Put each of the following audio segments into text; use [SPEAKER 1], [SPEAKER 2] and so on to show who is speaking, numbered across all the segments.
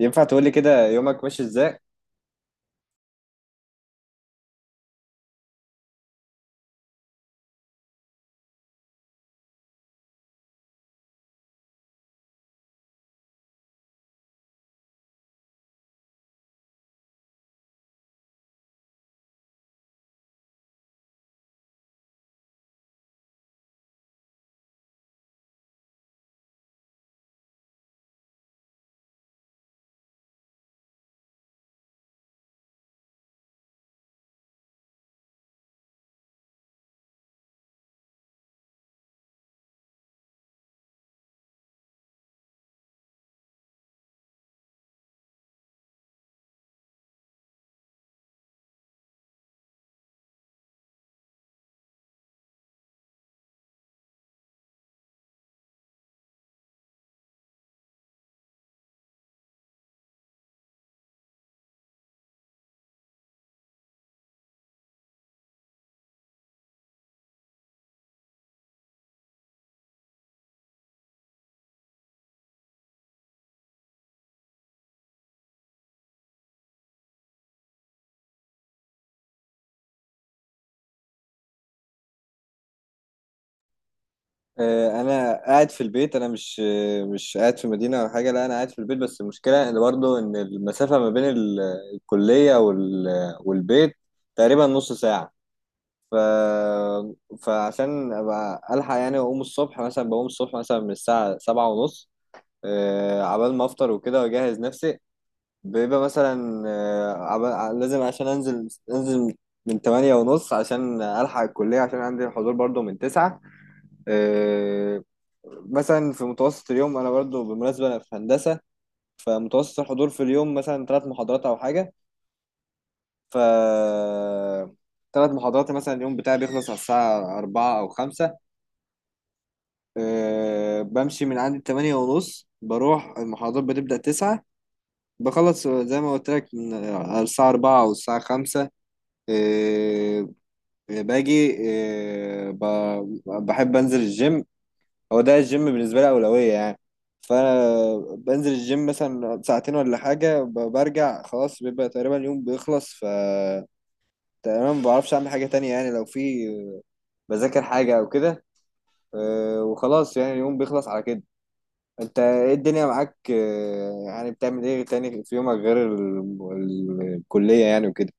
[SPEAKER 1] ينفع تقولي كده يومك ماشي ازاي؟ انا قاعد في البيت، انا مش قاعد في مدينة او حاجة. لا، انا قاعد في البيت، بس المشكلة ان برضه ان المسافة ما بين الكلية والبيت تقريبا نص ساعة. ف... فعشان ابقى الحق يعني اقوم الصبح مثلا بقوم الصبح مثلا من الساعة سبعة ونص، عبال ما افطر وكده واجهز نفسي. بيبقى مثلا، لازم عشان انزل من تمانية ونص عشان ألحق الكلية، عشان عندي الحضور برضو من تسعة. آه، مثلا في متوسط اليوم، انا برضو بالمناسبه انا في هندسه، فمتوسط الحضور في اليوم مثلا ثلاث محاضرات او حاجه. ف ثلاث محاضرات، مثلا اليوم بتاعي بيخلص على الساعه 4 او 5. بمشي من عندي 8 ونص، بروح، المحاضرات بتبدا 9، بخلص زي ما قلت لك من على الساعه 4 او الساعه 5. أه باجي، بحب انزل الجيم. هو ده الجيم بالنسبة لي أولوية يعني، فأنا بنزل الجيم مثلا ساعتين ولا حاجة، برجع خلاص. بيبقى تقريبا اليوم بيخلص. تقريبا ما بعرفش أعمل حاجة تانية يعني، لو في بذاكر حاجة أو كده. وخلاص، يعني اليوم بيخلص على كده. أنت إيه الدنيا معاك، يعني بتعمل إيه تاني في يومك غير الكلية يعني وكده؟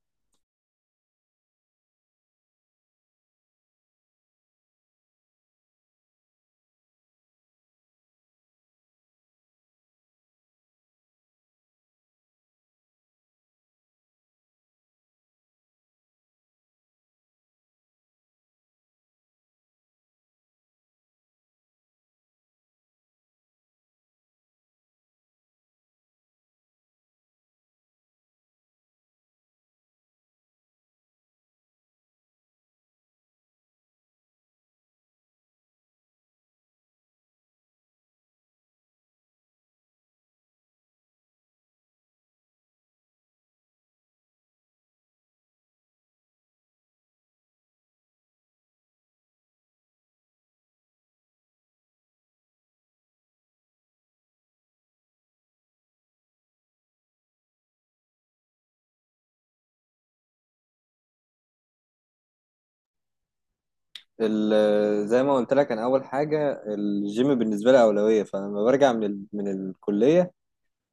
[SPEAKER 1] زي ما قلت لك، أنا أول حاجة الجيم بالنسبة لي أولوية. فلما برجع من الكلية،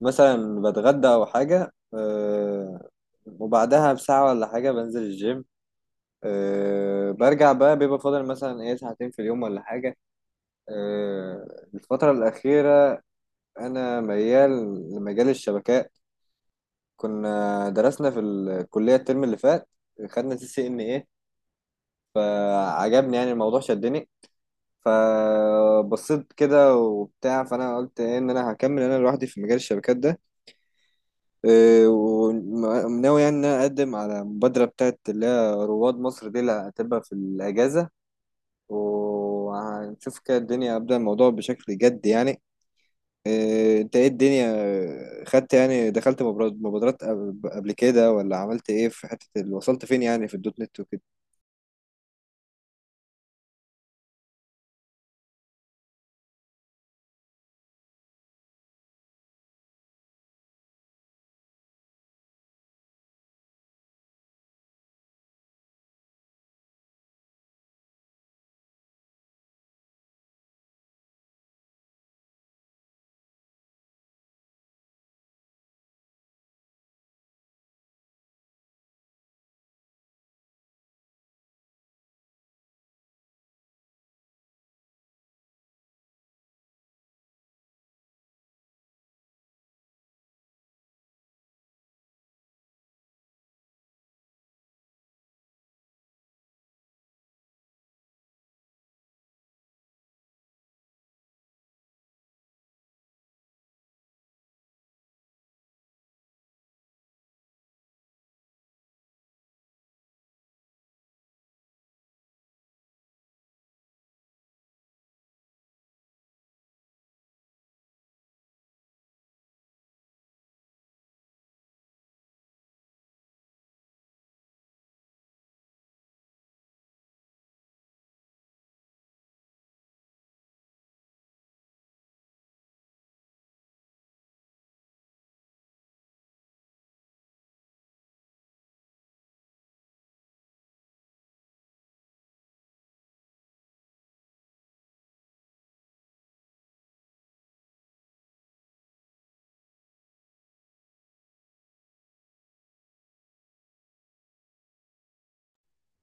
[SPEAKER 1] مثلا بتغدى او حاجه، وبعدها بساعه ولا حاجه بنزل الجيم. برجع بقى، بيبقى فاضل مثلا ايه ساعتين في اليوم ولا حاجه. الفتره الاخيره انا ميال لمجال الشبكات. كنا درسنا في الكليه الترم اللي فات، خدنا CCNA، فعجبني يعني الموضوع، شدني. فبصيت كده وبتاع، فانا قلت إيه ان انا هكمل انا لوحدي في مجال الشبكات ده. إيه، وناوي يعني إن أنا أقدم على مبادرة بتاعت اللي هي رواد مصر دي، اللي هتبقى في الأجازة، وهنشوف كده الدنيا، أبدأ الموضوع بشكل جد يعني. إيه، أنت إيه الدنيا، إيه، خدت يعني، دخلت مبادرات قبل كده، ولا عملت إيه في حتة وصلت فين يعني في الدوت نت وكده؟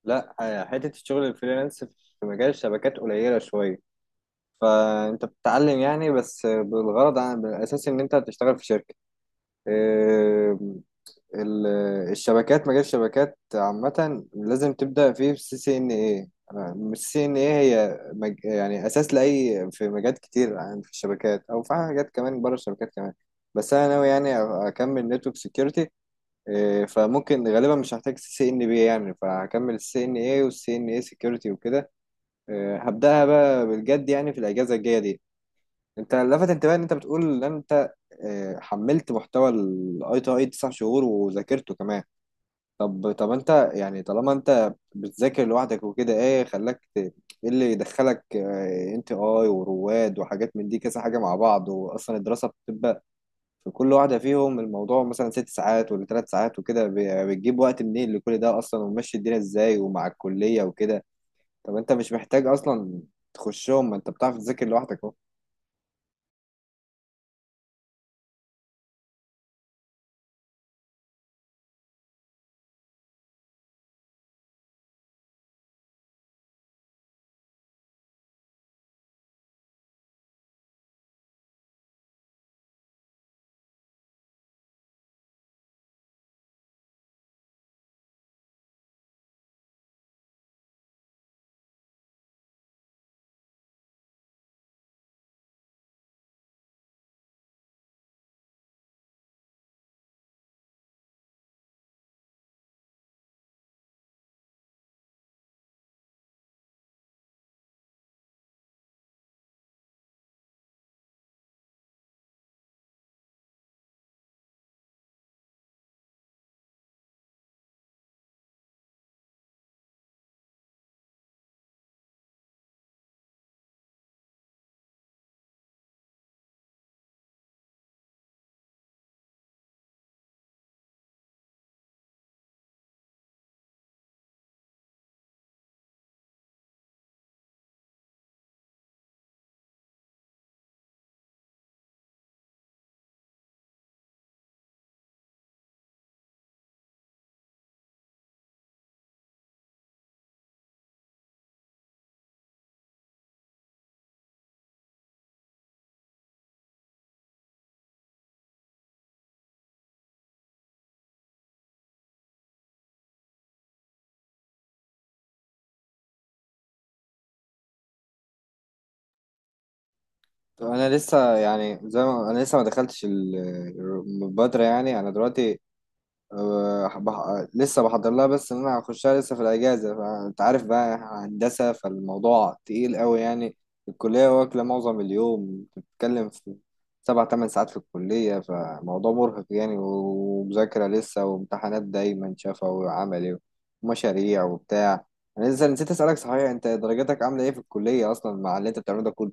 [SPEAKER 1] لا، حتة الشغل الفريلانس في مجال الشبكات قليلة شوية. فأنت بتتعلم يعني بس بالغرض، عن بالأساس إن أنت هتشتغل في شركة. ال- الشبكات، مجال الشبكات عامة لازم تبدأ فيه بالسي سي ان ايه. السي سي ان ايه هي يعني أساس لأي، في مجالات كتير في الشبكات أو في حاجات كمان بره الشبكات كمان. بس أنا ناوي يعني أكمل نتورك سكيورتي، فممكن غالبا مش هحتاج CCNP يعني، فهكمل السي سي ان ايه والسي ان ايه سكيورتي وكده. إيه، هبدأها بقى بالجد يعني في الأجازة الجاية دي. انت لفت انتباهي ان انت بتقول ان انت، إيه، حملت محتوى ITI 9 شهور، وذاكرته كمان. طب انت يعني، طالما انت بتذاكر لوحدك وكده، ايه خلاك ايه اللي يدخلك NTI ورواد وحاجات من دي، كذا حاجه مع بعض؟ واصلا الدراسه بتبقى في كل واحده فيهم الموضوع مثلا ست ساعات ولا ثلاث ساعات وكده، بتجيب وقت منين لكل ده اصلا، وماشي الدنيا ازاي ومع الكليه وكده؟ طب انت مش محتاج اصلا تخشهم، ما انت بتعرف تذاكر لوحدك اهو. طب انا لسه يعني، زي ما انا لسه ما دخلتش المبادره، يعني انا دلوقتي لسه بحضر لها، بس إن انا هخشها لسه في الاجازه. فانت عارف بقى هندسه، فالموضوع تقيل قوي يعني، الكليه واكله معظم اليوم، بتتكلم في سبع تمن ساعات في الكليه، فموضوع مرهق يعني، ومذاكره لسه، وامتحانات دايما شفا وعملي ومشاريع وبتاع. انا لسه نسيت اسالك، صحيح، انت درجاتك عامله ايه في الكليه اصلا، مع اللي انت بتعمله ده كله؟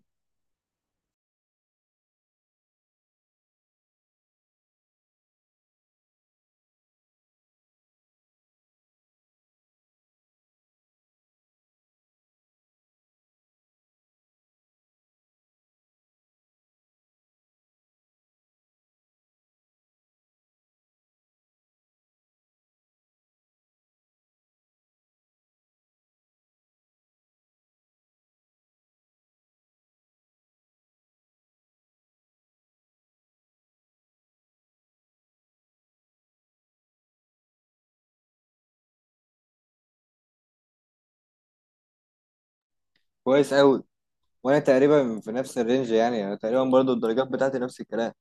[SPEAKER 1] كويس قوي. وانا تقريبا في نفس الرينج يعني، انا تقريبا برضو الدرجات بتاعتي نفس الكلام.